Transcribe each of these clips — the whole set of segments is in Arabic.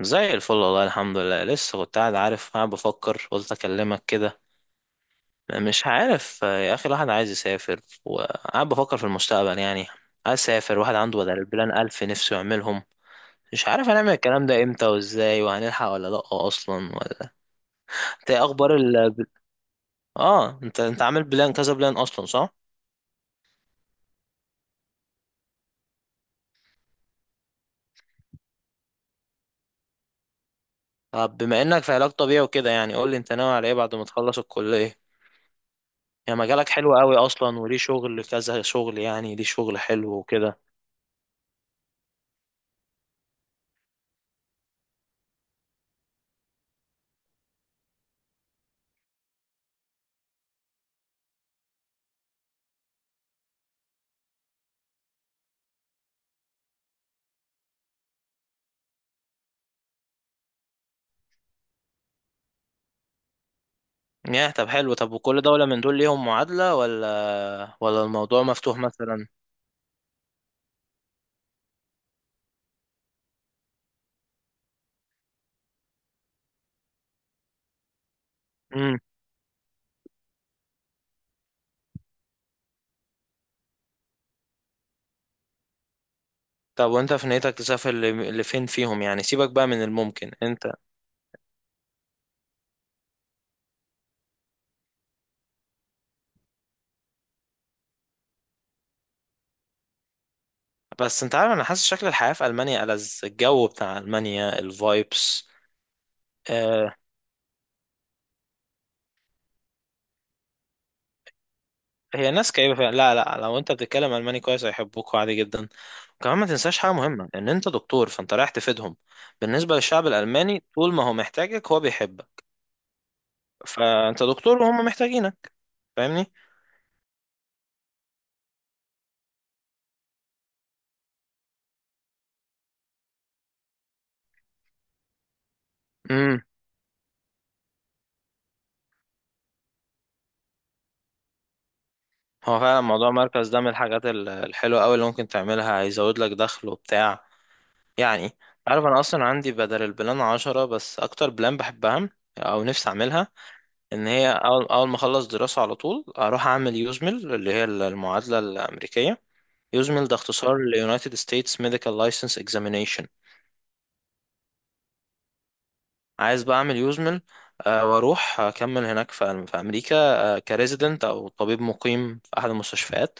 زي الفل، والله الحمد لله. لسه كنت قاعد، عارف، قاعد بفكر، قلت اكلمك كده. مش عارف يا اخي، الواحد عايز يسافر وقاعد بفكر في المستقبل يعني. عايز اسافر، واحد عنده بدل البلان الف نفسه يعملهم. مش عارف هنعمل الكلام ده امتى وازاي، وهنلحق ولا لا، اصلا ولا. انت إيه اخبار ال اه انت عامل بلان كذا بلان اصلا، صح؟ طب بما انك في علاج طبيعي وكده، يعني قول لي انت ناوي على ايه بعد ما تخلص الكلية. يعني مجالك حلو قوي اصلا، وليه شغل كذا شغل، يعني ليه شغل حلو وكده. ياه، طب حلو. طب وكل دولة من دول ليهم معادلة، ولا الموضوع مفتوح مثلا؟ امم طب وانت في نيتك تسافر لفين فيهم يعني؟ سيبك بقى من الممكن انت. بس انت عارف، انا حاسس شكل الحياة في ألمانيا ألذ، الجو بتاع ألمانيا، الفايبس. آه. هي ناس كئيبة فعلا، لا لا، لو انت بتتكلم ألماني كويس هيحبوك عادي جدا. وكمان ما تنساش حاجة مهمة، ان انت دكتور فانت رايح تفيدهم. بالنسبة للشعب الألماني، طول ما هو محتاجك هو بيحبك. فانت دكتور وهم محتاجينك. فاهمني. هو فعلا موضوع مركز ده من الحاجات الحلوة أوي اللي ممكن تعملها، هيزود لك دخل وبتاع، يعني. عارف، أنا أصلا عندي بدل البلان 10، بس أكتر بلان بحبها أو نفسي أعملها، إن هي أول ما أخلص دراسة على طول أروح أعمل يوزميل، اللي هي المعادلة الأمريكية. يوزميل ده اختصار ل United States Medical License Examination. عايز بقى أعمل يوزميل، وأروح أكمل هناك في أمريكا كريزيدنت أو طبيب مقيم في أحد المستشفيات.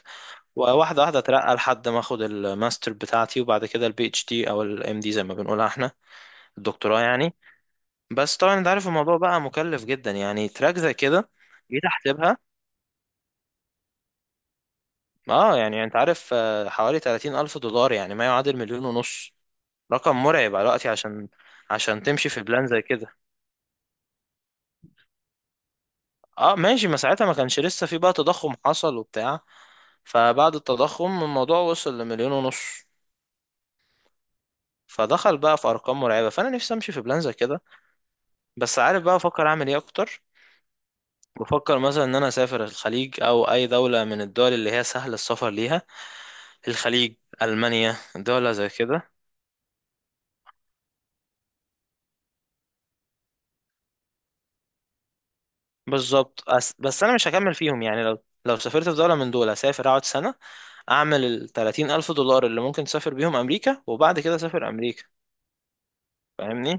وواحدة واحدة اترقى لحد ما اخد الماستر بتاعتي، وبعد كده البي اتش دي او الام دي، زي ما بنقولها احنا، الدكتوراه يعني. بس طبعا انت عارف الموضوع بقى مكلف جدا يعني، تراك زي كده. جيت احسبها. اه، يعني انت عارف، حوالي 30 الف دولار، يعني ما يعادل 1.5 مليون. رقم مرعب على وقتي، عشان عشان تمشي في بلان زي كده. اه ماشي، ما ساعتها ما كانش لسه في، بقى تضخم حصل وبتاع، فبعد التضخم الموضوع وصل ل1.5 مليون. فدخل بقى في ارقام مرعبة، فانا نفسي امشي في بلان زي كده بس. عارف بقى بفكر اعمل ايه اكتر؟ بفكر مثلا ان انا اسافر الخليج، او اي دولة من الدول اللي هي سهل السفر ليها، الخليج، المانيا، دولة زي كده. بس انا مش هكمل فيهم يعني، لو لو سافرت في دولة من دول هسافر اقعد سنة، اعمل ال 30 الف دولار اللي ممكن تسافر بيهم امريكا، وبعد كده اسافر امريكا. فاهمني.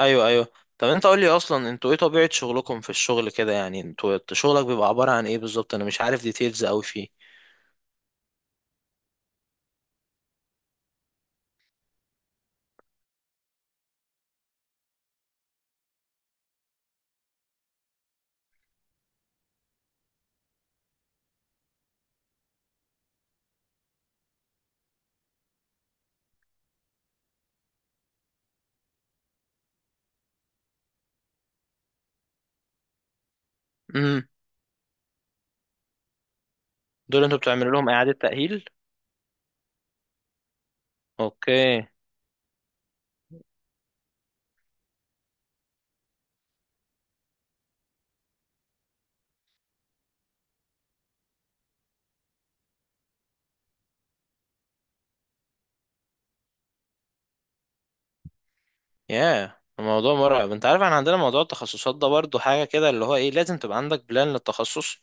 ايوه ايوه. طب انت قول لي اصلا، انتوا ايه طبيعة شغلكم في الشغل كده يعني؟ انتوا شغلك بيبقى عبارة عن ايه بالظبط؟ انا مش عارف ديتيلز قوي فيه. امم دول انتوا بتعملوا لهم اعادة تأهيل؟ اوكي. ياه الموضوع مرعب. انت عارف احنا عندنا موضوع التخصصات ده برضو حاجة كده، اللي هو ايه، لازم تبقى عندك بلان للتخصص،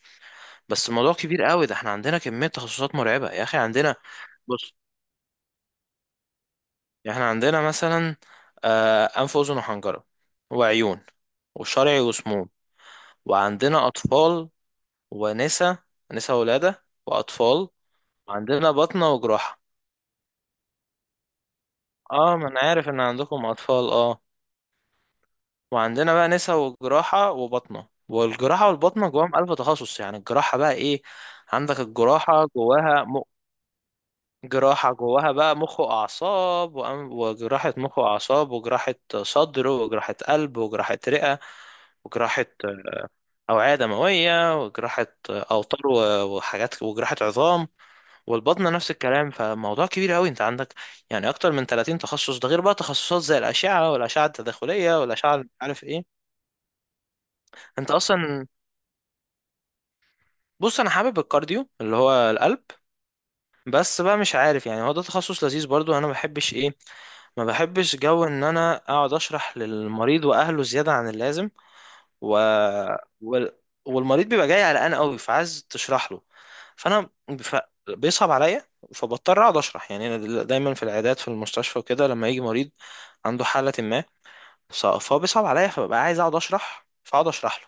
بس الموضوع كبير قوي ده، احنا عندنا كمية تخصصات مرعبة يا اخي. عندنا، بص، احنا عندنا مثلا، انف واذن وحنجرة، وعيون، وشرعي وسموم، وعندنا اطفال، ونسا، نسا ولادة واطفال، وعندنا بطنة وجراحة. اه ما انا عارف ان عندكم اطفال، اه. وعندنا بقى نسا وجراحة وبطنة، والجراحة والبطنة جواهم ألف تخصص. يعني الجراحة بقى إيه؟ عندك الجراحة جواها جراحة جواها بقى مخ وأعصاب وجراحة مخ وأعصاب، وجراحة صدر، وجراحة قلب، وجراحة رئة، وجراحة أوعية دموية، وجراحة أوتار وحاجات، وجراحة عظام. والبطنة نفس الكلام، فموضوع كبير أوي أنت عندك. يعني أكتر من 30 تخصص، ده غير بقى تخصصات زي الأشعة، والأشعة التداخلية، والأشعة مش عارف إيه. انت اصلا، بص، انا حابب الكارديو اللي هو القلب، بس بقى مش عارف يعني، هو ده تخصص لذيذ برضو. انا ما بحبش ايه، ما بحبش جو ان انا اقعد اشرح للمريض واهله زيادة عن اللازم. و... وال... والمريض بيبقى جاي قلقان قوي فعايز تشرح له، فانا ف... بيصعب عليا، فبضطر اقعد اشرح. يعني انا دايما في العيادات، في المستشفى وكده، لما يجي مريض عنده حالة ما، فهو بيصعب عليا فببقى عايز اقعد اشرح، فاقعد اشرح له،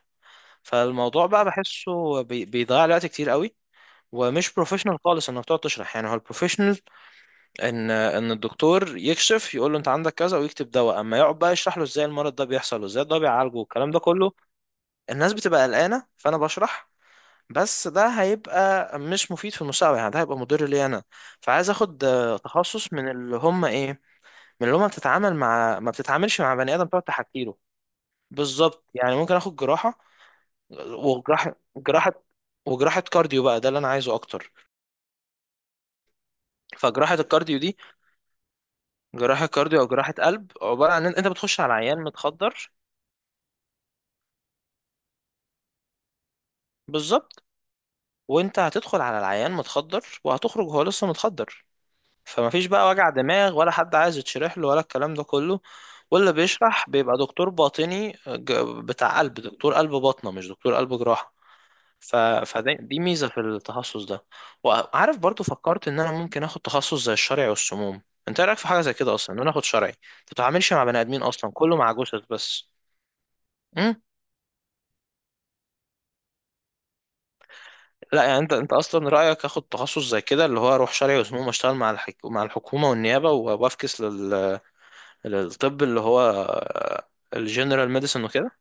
فالموضوع بقى بحسه بيضيع لي وقت كتير قوي. ومش بروفيشنال خالص انك تقعد تشرح، يعني هو البروفيشنال ان الدكتور يكشف، يقول له انت عندك كذا ويكتب دواء، اما يقعد بقى يشرح له ازاي المرض ده بيحصل وازاي ده بيعالجه والكلام ده كله. الناس بتبقى قلقانه فانا بشرح، بس ده هيبقى مش مفيد في المستقبل يعني، ده هيبقى مضر لي انا. فعايز اخد تخصص من اللي هم ايه، من اللي هم بتتعامل مع، ما بتتعاملش مع بني ادم تقعد تحكي له. بالظبط، يعني ممكن اخد جراحه. وجراحه، وجراحة كارديو بقى ده اللي انا عايزه اكتر. فجراحة الكارديو دي، جراحة كارديو أو جراحة قلب، عبارة عن إن أنت بتخش على عيان متخدر. بالظبط. وأنت هتدخل على العيان متخدر وهتخرج هو لسه متخدر، فمفيش بقى وجع دماغ ولا حد عايز يتشرح له ولا الكلام ده كله. واللي بيشرح بيبقى دكتور باطني، بتاع قلب، دكتور قلب باطنة مش دكتور قلب جراحة. ف... فدي، دي ميزة في التخصص ده. وعارف برضو فكرت إن أنا ممكن آخد تخصص زي الشرعي والسموم. أنت إيه رأيك في حاجة زي كده أصلا، إن أنا آخد شرعي؟ ما بتتعاملش مع بني آدمين أصلا، كله مع جثث بس. لا يعني انت، انت اصلا رايك اخد تخصص زي كده، اللي هو اروح شرعي وسموم اشتغل مع مع الحكومه والنيابه، وافكس للطب اللي هو الجنرال ميديسن وكده؟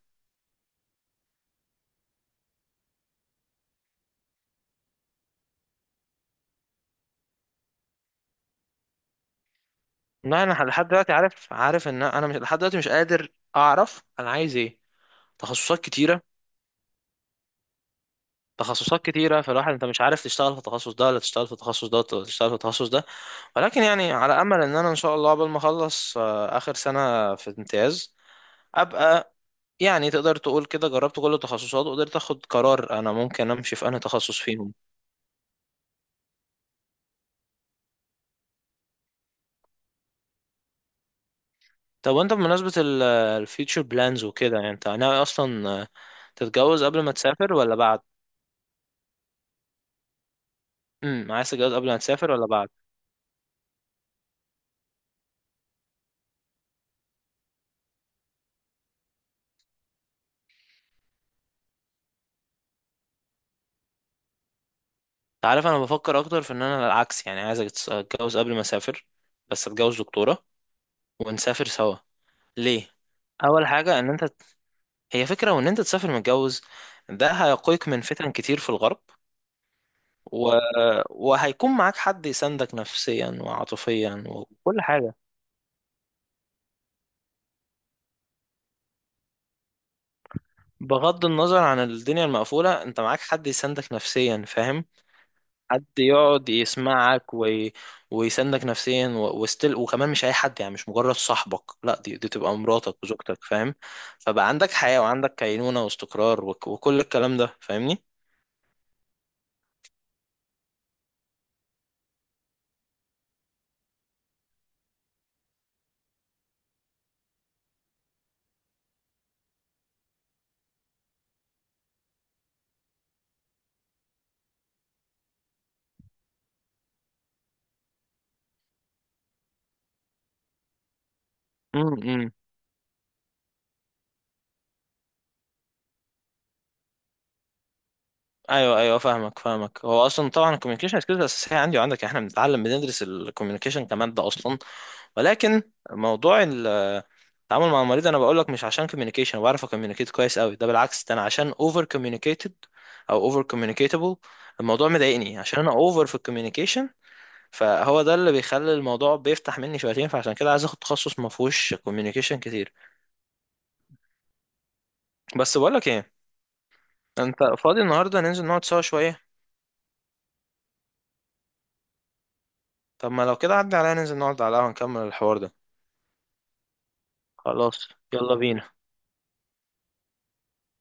لا انا لحد دلوقتي عارف ان انا مش، لحد دلوقتي مش قادر اعرف انا عايز ايه. تخصصات كتيره، تخصصات كتيره، فالواحد انت مش عارف تشتغل في التخصص ده ولا تشتغل في التخصص ده ولا تشتغل في التخصص ده. ولكن يعني على امل ان انا ان شاء الله قبل ما اخلص، اخر سنه في امتياز، ابقى يعني تقدر تقول كده جربت كل التخصصات، وقدرت اخد قرار انا ممكن امشي في انهي تخصص فيهم. طب وانت، بمناسبة الفيوتشر بلانز وكده، يعني انت ناوي اصلا تتجوز قبل ما تسافر ولا بعد؟ عايز تتجوز قبل ما تسافر ولا بعد؟ انت عارف انا بفكر اكتر في ان انا العكس يعني، عايز اتجوز قبل ما اسافر، بس اتجوز دكتورة ونسافر سوا. ليه؟ اول حاجة، ان انت، هي فكرة، وان انت تسافر متجوز، ده هيقيك من فتن كتير في الغرب. و... وهيكون معاك حد يساندك نفسيا وعاطفيا وكل حاجة. بغض النظر عن الدنيا المقفولة، انت معاك حد يساندك نفسيا، فاهم؟ حد يقعد يسمعك ويساندك نفسيا، وستيل، وكمان مش اي حد يعني، مش مجرد صاحبك، لا، دي تبقى مراتك وزوجتك، فاهم؟ فبقى عندك حياة، وعندك كينونة واستقرار وكل الكلام ده، فاهمني. امم ايوه ايوه، فاهمك فاهمك. هو اصلا طبعا الكوميونيكيشن سكيلز اساسيه عندي وعندك، احنا بنتعلم بندرس الكوميونيكيشن كماده اصلا، ولكن موضوع التعامل مع المريض، انا بقول لك مش عشان كوميونيكيشن بعرف اكوميونيكيت كويس قوي، ده بالعكس، ده انا عشان اوفر كوميونيكيتد، او اوفر كوميونيكيتابل. الموضوع مضايقني عشان انا اوفر في الكوميونيكيشن، فهو ده اللي بيخلي الموضوع بيفتح مني شويتين، فعشان كده عايز اخد تخصص ما فيهوش كوميونيكيشن كتير. بس بقول لك ايه، انت فاضي النهارده ننزل نقعد سوا شويه؟ طب ما لو كده عدي عليا ننزل نقعد على القهوه نكمل الحوار ده. خلاص، يلا بينا.